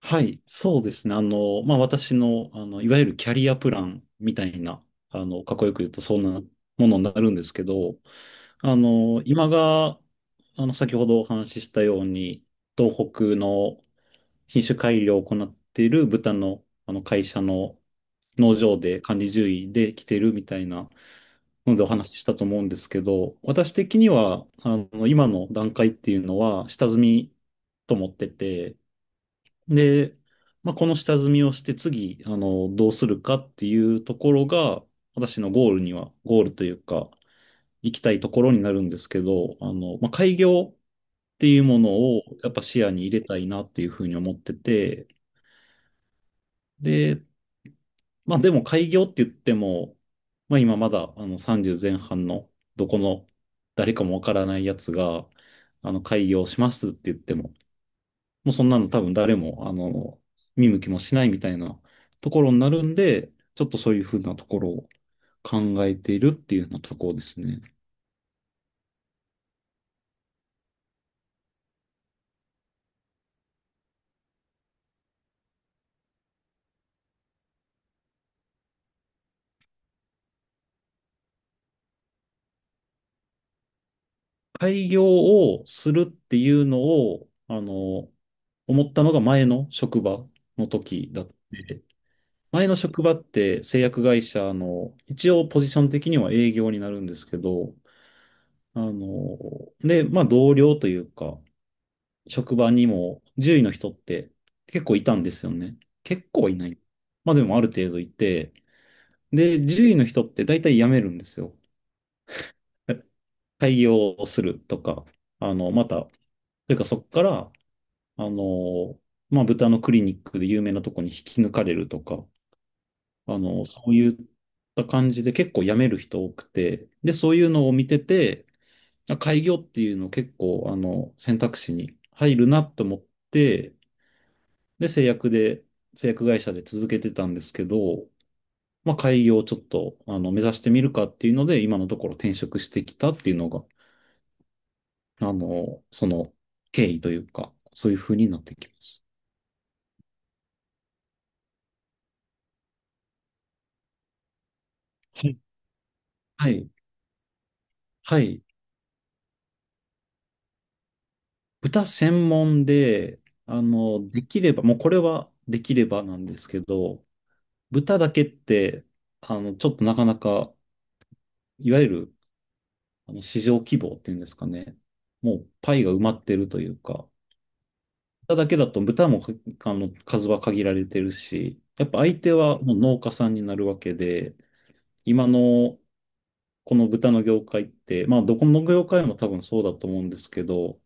はい、そうですね。まあ、私の、いわゆるキャリアプランみたいな、かっこよく言うと、そんなものになるんですけど、今が、先ほどお話ししたように、東北の品種改良を行っている豚の、会社の農場で管理獣医で来てるみたいなのでお話ししたと思うんですけど、私的には、今の段階っていうのは、下積みと思ってて、で、まあ、この下積みをして次、どうするかっていうところが、私のゴールには、ゴールというか、行きたいところになるんですけど、まあ、開業っていうものをやっぱ視野に入れたいなっていうふうに思ってて、で、まあ、でも開業って言っても、まあ、今まだ、30前半の、どこの誰かもわからないやつが、開業しますって言っても、もうそんなの多分誰も、見向きもしないみたいなところになるんで、ちょっとそういうふうなところを考えているっていうようなところですね。開業をするっていうのを、思ったのが前の職場の時だって、前の職場って製薬会社の、一応ポジション的には営業になるんですけど、あの、で、まあ同僚というか、職場にも獣医の人って結構いたんですよね。結構はいない。まあでもある程度いて、で、獣医の人って大体辞めるんですよ。開業をするとか、あの、また、というかそこから、あの、まあ豚のクリニックで有名なとこに引き抜かれるとか、そういった感じで結構辞める人多くて、で、そういうのを見てて、あ開業っていうの結構、選択肢に入るなと思って、で、製薬会社で続けてたんですけど、まあ、開業をちょっと、目指してみるかっていうので、今のところ転職してきたっていうのが、その経緯というか、そういう風になってきます。はい。はい。はい。豚専門で、できれば、もうこれはできればなんですけど、豚だけって、ちょっとなかなか、いわゆる、市場規模っていうんですかね。もう、パイが埋まってるというか、豚だけだと豚もか数は限られてるし、やっぱ相手はもう農家さんになるわけで、今のこの豚の業界って、まあどこの業界も多分そうだと思うんですけど、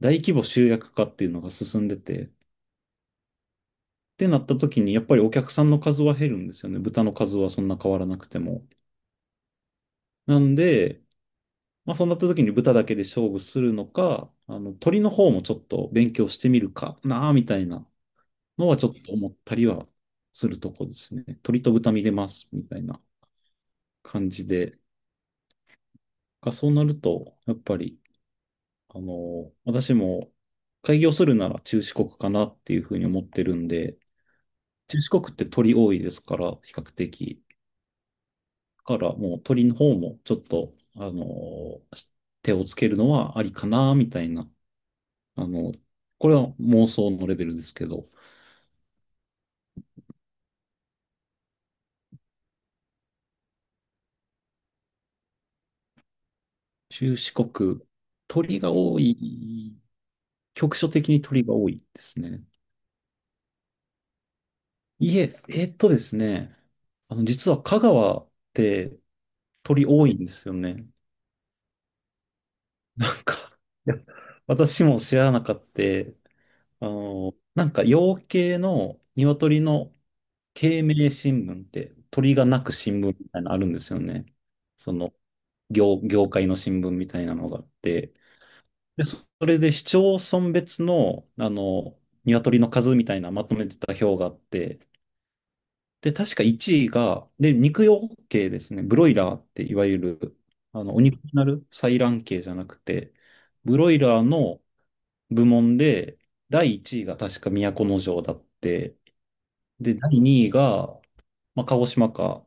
大規模集約化っていうのが進んでて、ってなった時にやっぱりお客さんの数は減るんですよね。豚の数はそんな変わらなくても。なんで、まあそうなった時に豚だけで勝負するのか、鳥の方もちょっと勉強してみるかなあみたいなのはちょっと思ったりはするとこですね。鳥と豚見れますみたいな感じで。がそうなると、やっぱり、私も開業するなら中四国かなっていうふうに思ってるんで、中四国って鳥多いですから、比較的。だからもう鳥の方もちょっと、手をつけるのはありかな、みたいな。あの、これは妄想のレベルですけど、中四国、鳥が多い、局所的に鳥が多いですね。いえ、ですね、あの、実は香川って鳥多いんですよね。なんか、いや私も知らなかった。なんか養鶏の鶏の鶏鳴新聞って鳥が鳴く新聞みたいなのあるんですよね。その業界の新聞みたいなのがあって。で、それで市町村別の、鶏の数みたいなまとめてた表があって、で、確か1位が、で、肉用系ですね。ブロイラーっていわゆる、お肉になる採卵系じゃなくて、ブロイラーの部門で、第1位が確か都城だって、で、第2位が、まあ、鹿児島か、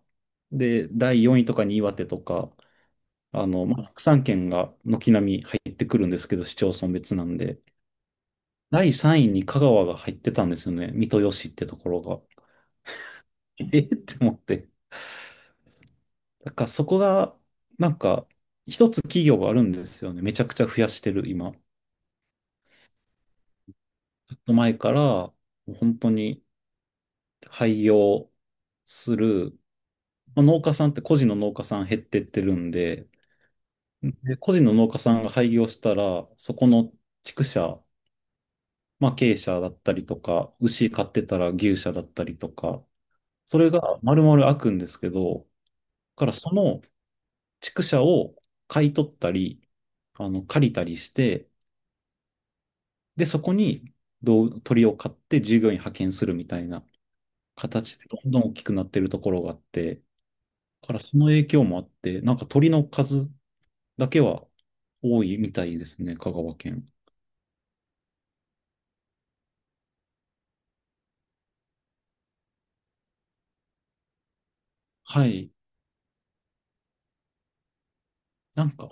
で、第4位とかに岩手とか、まあ、副産県が軒並み入ってくるんですけど、市町村別なんで、第3位に香川が入ってたんですよね。三豊市ってところが。えーって思って。だからそこが、なんか、一つ企業があるんですよね。めちゃくちゃ増やしてる、今。ちょっと前から、もう本当に廃業する、まあ、農家さんって個人の農家さん減ってってるんで、で個人の農家さんが廃業したら、そこの畜舎、まあ鶏舎だったりとか、牛飼ってたら牛舎だったりとか、それが丸々開くんですけど、だからその畜舎を買い取ったり、借りたりして、で、そこにどう鳥を買って従業員派遣するみたいな形でどんどん大きくなってるところがあって、だからその影響もあって、なんか鳥の数だけは多いみたいですね、香川県。はい。なんか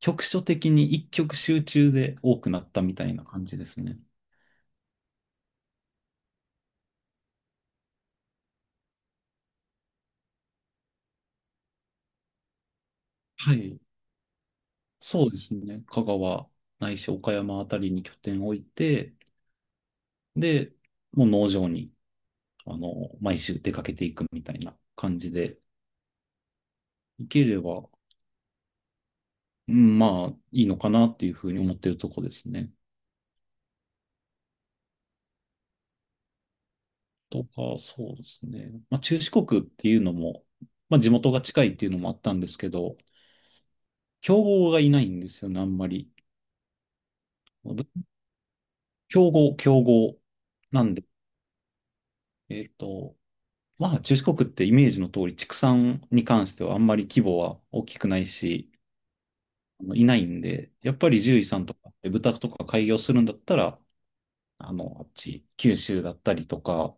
局所的に一極集中で多くなったみたいな感じですね。はい。そうですね。香川ないし岡山あたりに拠点を置いて、で、もう農場に、毎週出かけていくみたいな感じで、行ければうん、まあ、いいのかなっていうふうに思ってるとこですね。とか、そうですね。まあ、中四国っていうのも、まあ、地元が近いっていうのもあったんですけど、競合がいないんですよね、あんまり。競合、競合。なんで、えっと、まあ、中四国ってイメージの通り、畜産に関してはあんまり規模は大きくないし、いないんで、やっぱり獣医さんとかって豚とか開業するんだったら、あっち、九州だったりとか、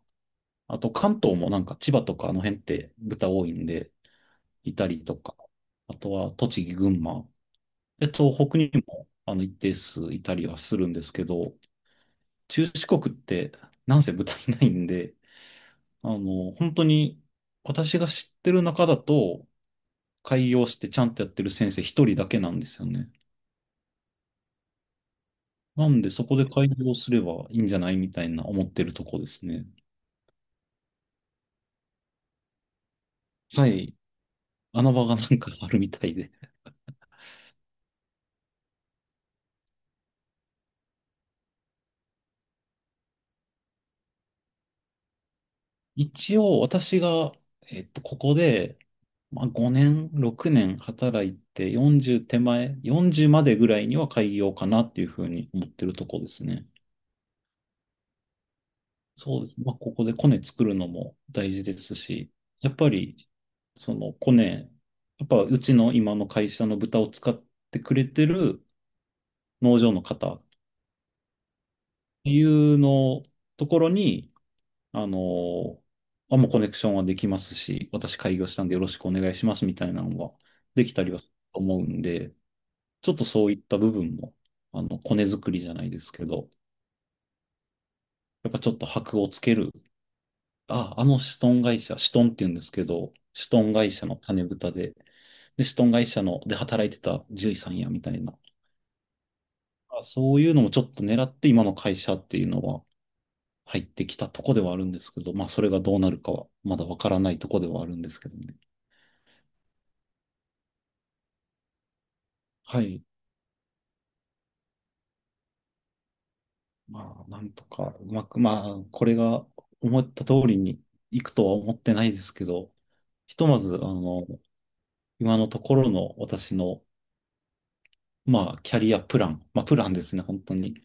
あと関東もなんか千葉とかあの辺って豚多いんで、いたりとか、あとは栃木、群馬、で、東北にも一定数いたりはするんですけど、中四国ってなんせ豚いないんで、本当に私が知ってる中だと、開業してちゃんとやってる先生一人だけなんですよね。なんでそこで開業すればいいんじゃないみたいな思ってるとこですね。はい。穴場がなんかあるみたいで。一応私が、ここで、まあ、5年、6年働いて40手前、40までぐらいには開業かなっていうふうに思ってるとこですね。そうです。まあ、ここでコネ作るのも大事ですし、やっぱり、そのコネ、やっぱうちの今の会社の豚を使ってくれてる農場の方っていうのところに、あの、あ、もうコネクションはできますし、私開業したんでよろしくお願いしますみたいなのができたりはすると思うんで、ちょっとそういった部分も、コネ作りじゃないですけど、やっぱちょっと箔をつける。あ、あのシトン会社、シトンって言うんですけど、シトン会社の種豚で、で、シトン会社ので働いてた獣医さんやみたいな、あそういうのもちょっと狙って今の会社っていうのは入ってきたとこではあるんですけど、まあそれがどうなるかはまだわからないとこではあるんですけどね。はい。まあ、なんとか、うまく、まあ、これが思った通りにいくとは思ってないですけど、ひとまず、今のところの私の、まあ、キャリアプラン、まあ、プランですね、本当に。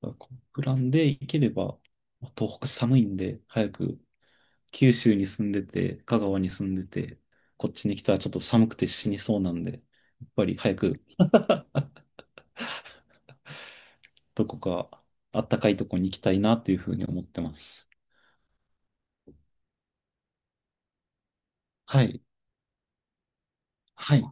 このプランでいければ、まあ東北寒いんで、早く九州に住んでて、香川に住んでて、こっちに来たらちょっと寒くて死にそうなんで、やっぱり早くどこか暖かいとこに行きたいなというふうに思ってます。はい。はい。